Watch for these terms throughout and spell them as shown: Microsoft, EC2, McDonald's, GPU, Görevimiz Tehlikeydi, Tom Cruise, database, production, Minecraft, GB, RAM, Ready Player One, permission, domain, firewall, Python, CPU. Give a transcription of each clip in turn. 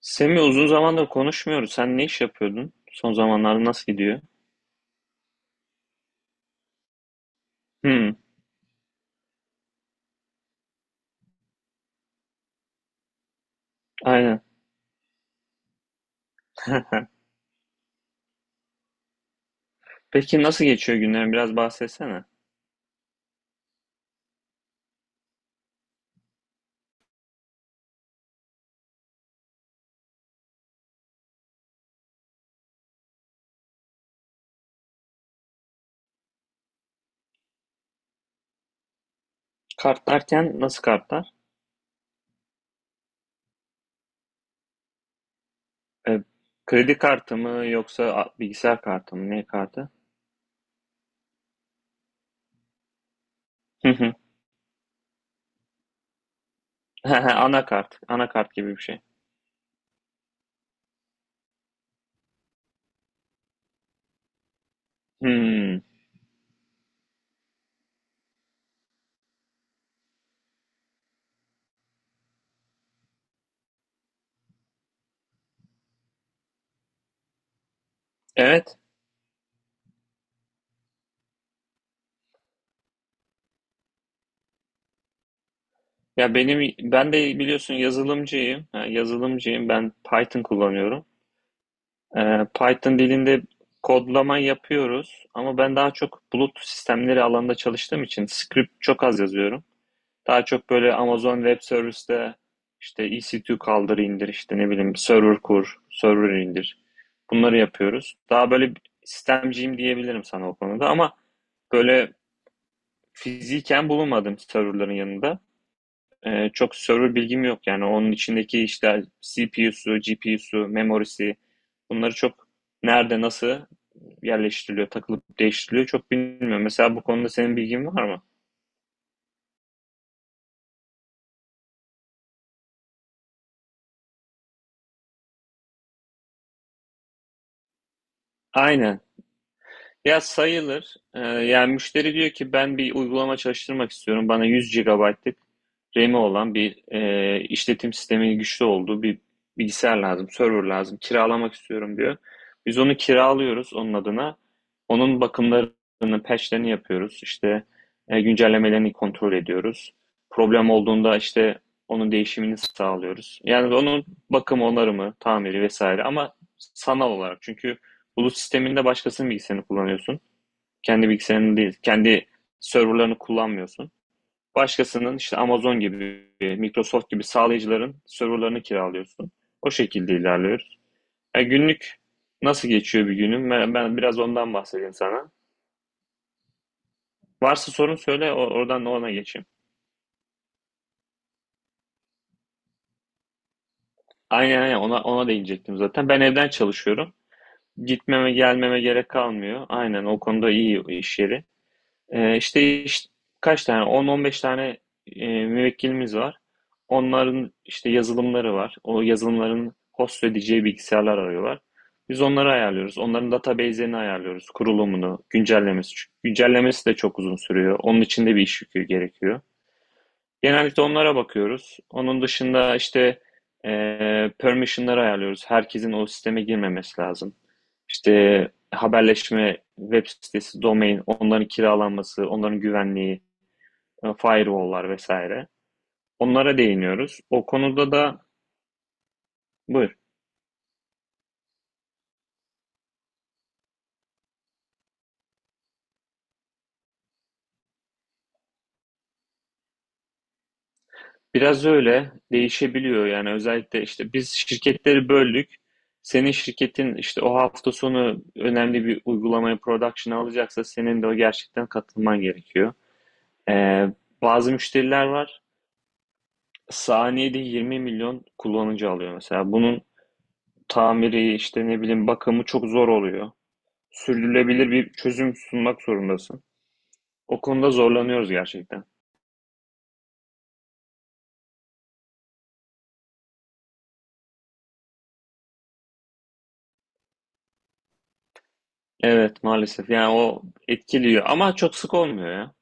Semi uzun zamandır konuşmuyoruz. Sen ne iş yapıyordun? Son zamanlarda nasıl gidiyor? Hmm, aynen. Peki nasıl geçiyor günlerin? Biraz bahsetsene. Kartlarken nasıl kartlar? E, kredi kartı mı yoksa bilgisayar kartı mı? Ne kartı? Hı hı. Anakart. Anakart gibi bir şey. Hmm. Evet. Ya ben de biliyorsun yazılımcıyım. Ha, yazılımcıyım. Ben Python kullanıyorum. Python dilinde kodlama yapıyoruz ama ben daha çok bulut sistemleri alanında çalıştığım için script çok az yazıyorum. Daha çok böyle Amazon Web Service'te işte EC2 kaldır indir, işte ne bileyim, server kur, server indir. Bunları yapıyoruz. Daha böyle sistemciyim diyebilirim sana o konuda, ama böyle fiziken bulunmadım serverların yanında. Çok server bilgim yok yani, onun içindeki işte CPU'su, GPU'su, memorisi, bunları çok nerede nasıl yerleştiriliyor, takılıp değiştiriliyor çok bilmiyorum. Mesela bu konuda senin bilgin var mı? Aynen. Ya sayılır. Yani müşteri diyor ki ben bir uygulama çalıştırmak istiyorum. Bana 100 GB'lık RAM'i olan, bir işletim sistemi güçlü olduğu bir bilgisayar lazım, server lazım. Kiralamak istiyorum diyor. Biz onu kiralıyoruz onun adına. Onun bakımlarını, patchlerini yapıyoruz. İşte güncellemelerini kontrol ediyoruz. Problem olduğunda işte onun değişimini sağlıyoruz. Yani onun bakımı, onarımı, tamiri vesaire, ama sanal olarak. Çünkü bulut sisteminde başkasının bilgisayarını kullanıyorsun. Kendi bilgisayarını değil, kendi serverlarını kullanmıyorsun. Başkasının işte Amazon gibi, Microsoft gibi sağlayıcıların serverlarını kiralıyorsun. O şekilde ilerliyoruz. Yani günlük nasıl geçiyor bir günüm? Ben biraz ondan bahsedeyim sana. Varsa sorun söyle, oradan ona geçeyim. Aynen aynen ona değinecektim zaten. Ben evden çalışıyorum. Gitmeme gelmeme gerek kalmıyor. Aynen, o konuda iyi iş yeri. İşte, işte kaç tane? 10-15 tane müvekkilimiz var. Onların işte yazılımları var. O yazılımların host edeceği bilgisayarlar arıyorlar. Biz onları ayarlıyoruz. Onların database'lerini ayarlıyoruz. Kurulumunu, güncellemesi. Çünkü güncellemesi de çok uzun sürüyor. Onun için de bir iş yükü gerekiyor. Genellikle onlara bakıyoruz. Onun dışında işte permission'ları ayarlıyoruz. Herkesin o sisteme girmemesi lazım. İşte haberleşme, web sitesi, domain, onların kiralanması, onların güvenliği, firewall'lar vesaire. Onlara değiniyoruz. O konuda da buyur. Biraz öyle değişebiliyor yani, özellikle işte biz şirketleri böldük. Senin şirketin işte o hafta sonu önemli bir uygulamayı production'a alacaksa senin de o gerçekten katılman gerekiyor. Ee, bazı müşteriler var. Saniyede 20 milyon kullanıcı alıyor mesela. Bunun tamiri işte ne bileyim bakımı çok zor oluyor. Sürdürülebilir bir çözüm sunmak zorundasın. O konuda zorlanıyoruz gerçekten. Evet, maalesef yani o etkiliyor ama çok sık olmuyor ya.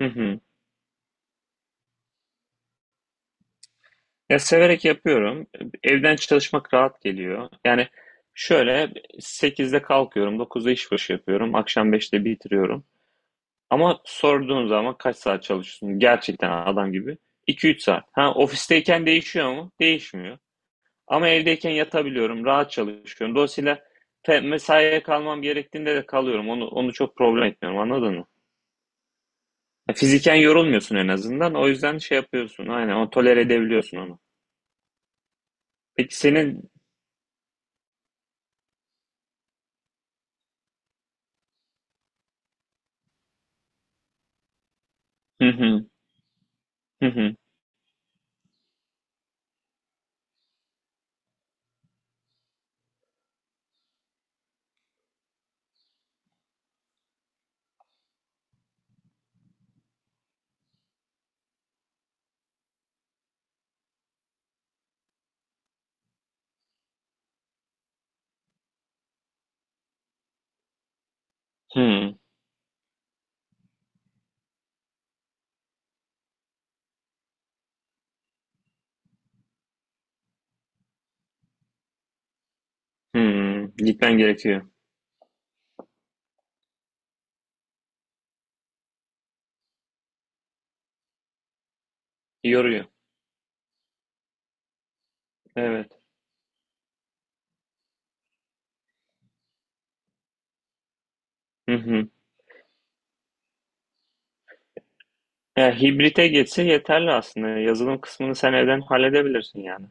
Hı hı. Ya severek yapıyorum. Evden çalışmak rahat geliyor. Yani şöyle, 8'de kalkıyorum, 9'da iş başı yapıyorum, akşam 5'te bitiriyorum. Ama sorduğun zaman kaç saat çalışıyorsun gerçekten adam gibi, iki üç saat. Ha, ofisteyken değişiyor mu? Değişmiyor. Ama evdeyken yatabiliyorum, rahat çalışıyorum. Dolayısıyla mesaiye kalmam gerektiğinde de kalıyorum. Onu çok problem etmiyorum, anladın mı? Ya, fiziken yorulmuyorsun en azından. O yüzden şey yapıyorsun. Aynen, o tolere edebiliyorsun onu. Peki senin, hı hı, hı hı, hı hı, gitmen gerekiyor. Yoruyor. Evet. Hı hı. Ya hibrite geçse yeterli aslında. Yazılım kısmını sen evden halledebilirsin yani.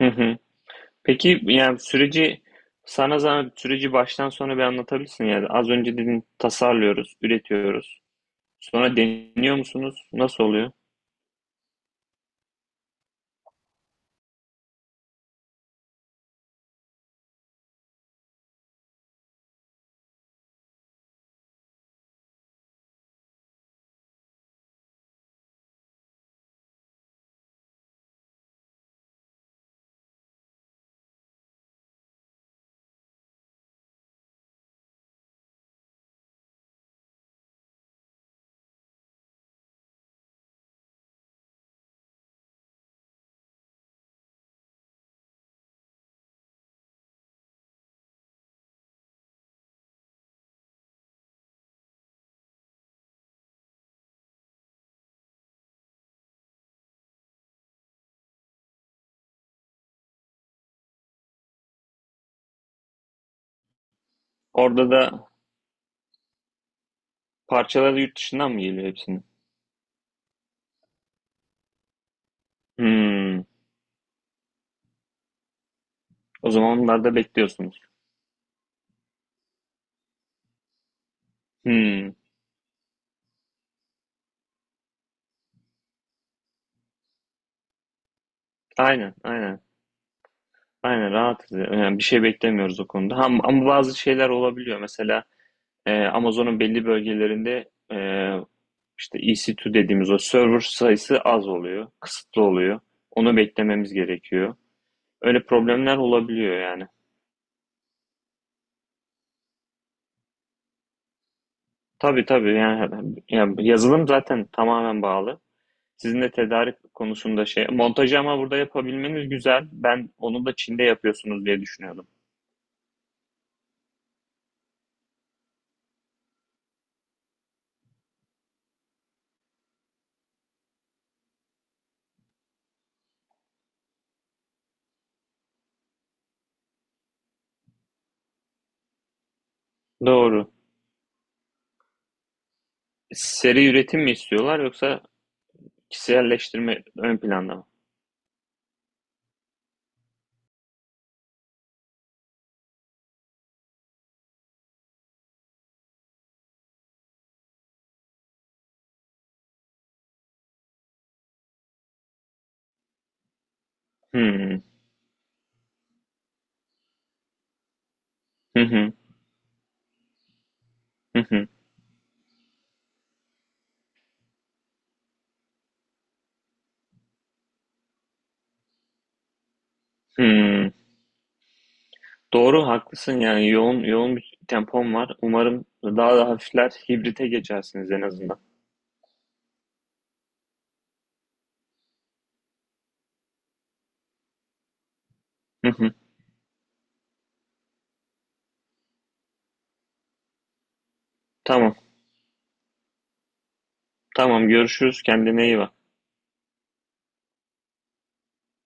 Hı hı. Peki yani süreci, sana zahmet, süreci baştan sona bir anlatabilirsin yani. Az önce dedin tasarlıyoruz, üretiyoruz. Sonra deniyor musunuz? Nasıl oluyor? Orada da parçaları yurt dışından mı geliyor hepsini? Hmm. O zaman onlarda bekliyorsunuz. Hmm. Aynen, aynen. Aynen rahatız. Yani bir şey beklemiyoruz o konuda. Ama bazı şeyler olabiliyor. Mesela Amazon'un belli bölgelerinde e, İşte EC2 dediğimiz o server sayısı az oluyor, kısıtlı oluyor. Onu beklememiz gerekiyor. Öyle problemler olabiliyor yani. Tabii tabii, yani yazılım zaten tamamen bağlı. Sizin de tedarik konusunda şey, montajı ama burada yapabilmeniz güzel. Ben onu da Çin'de yapıyorsunuz diye düşünüyordum. Doğru. Seri üretim mi istiyorlar yoksa kişiselleştirme ön planda mı? Hmm. Hı hı. Hı hı. Hmm. Doğru, haklısın, yani yoğun yoğun bir tempom var. Umarım daha da hafifler, hibrite geçersiniz en azından. Hı hı. Tamam, tamam, görüşürüz. Kendine iyi bak.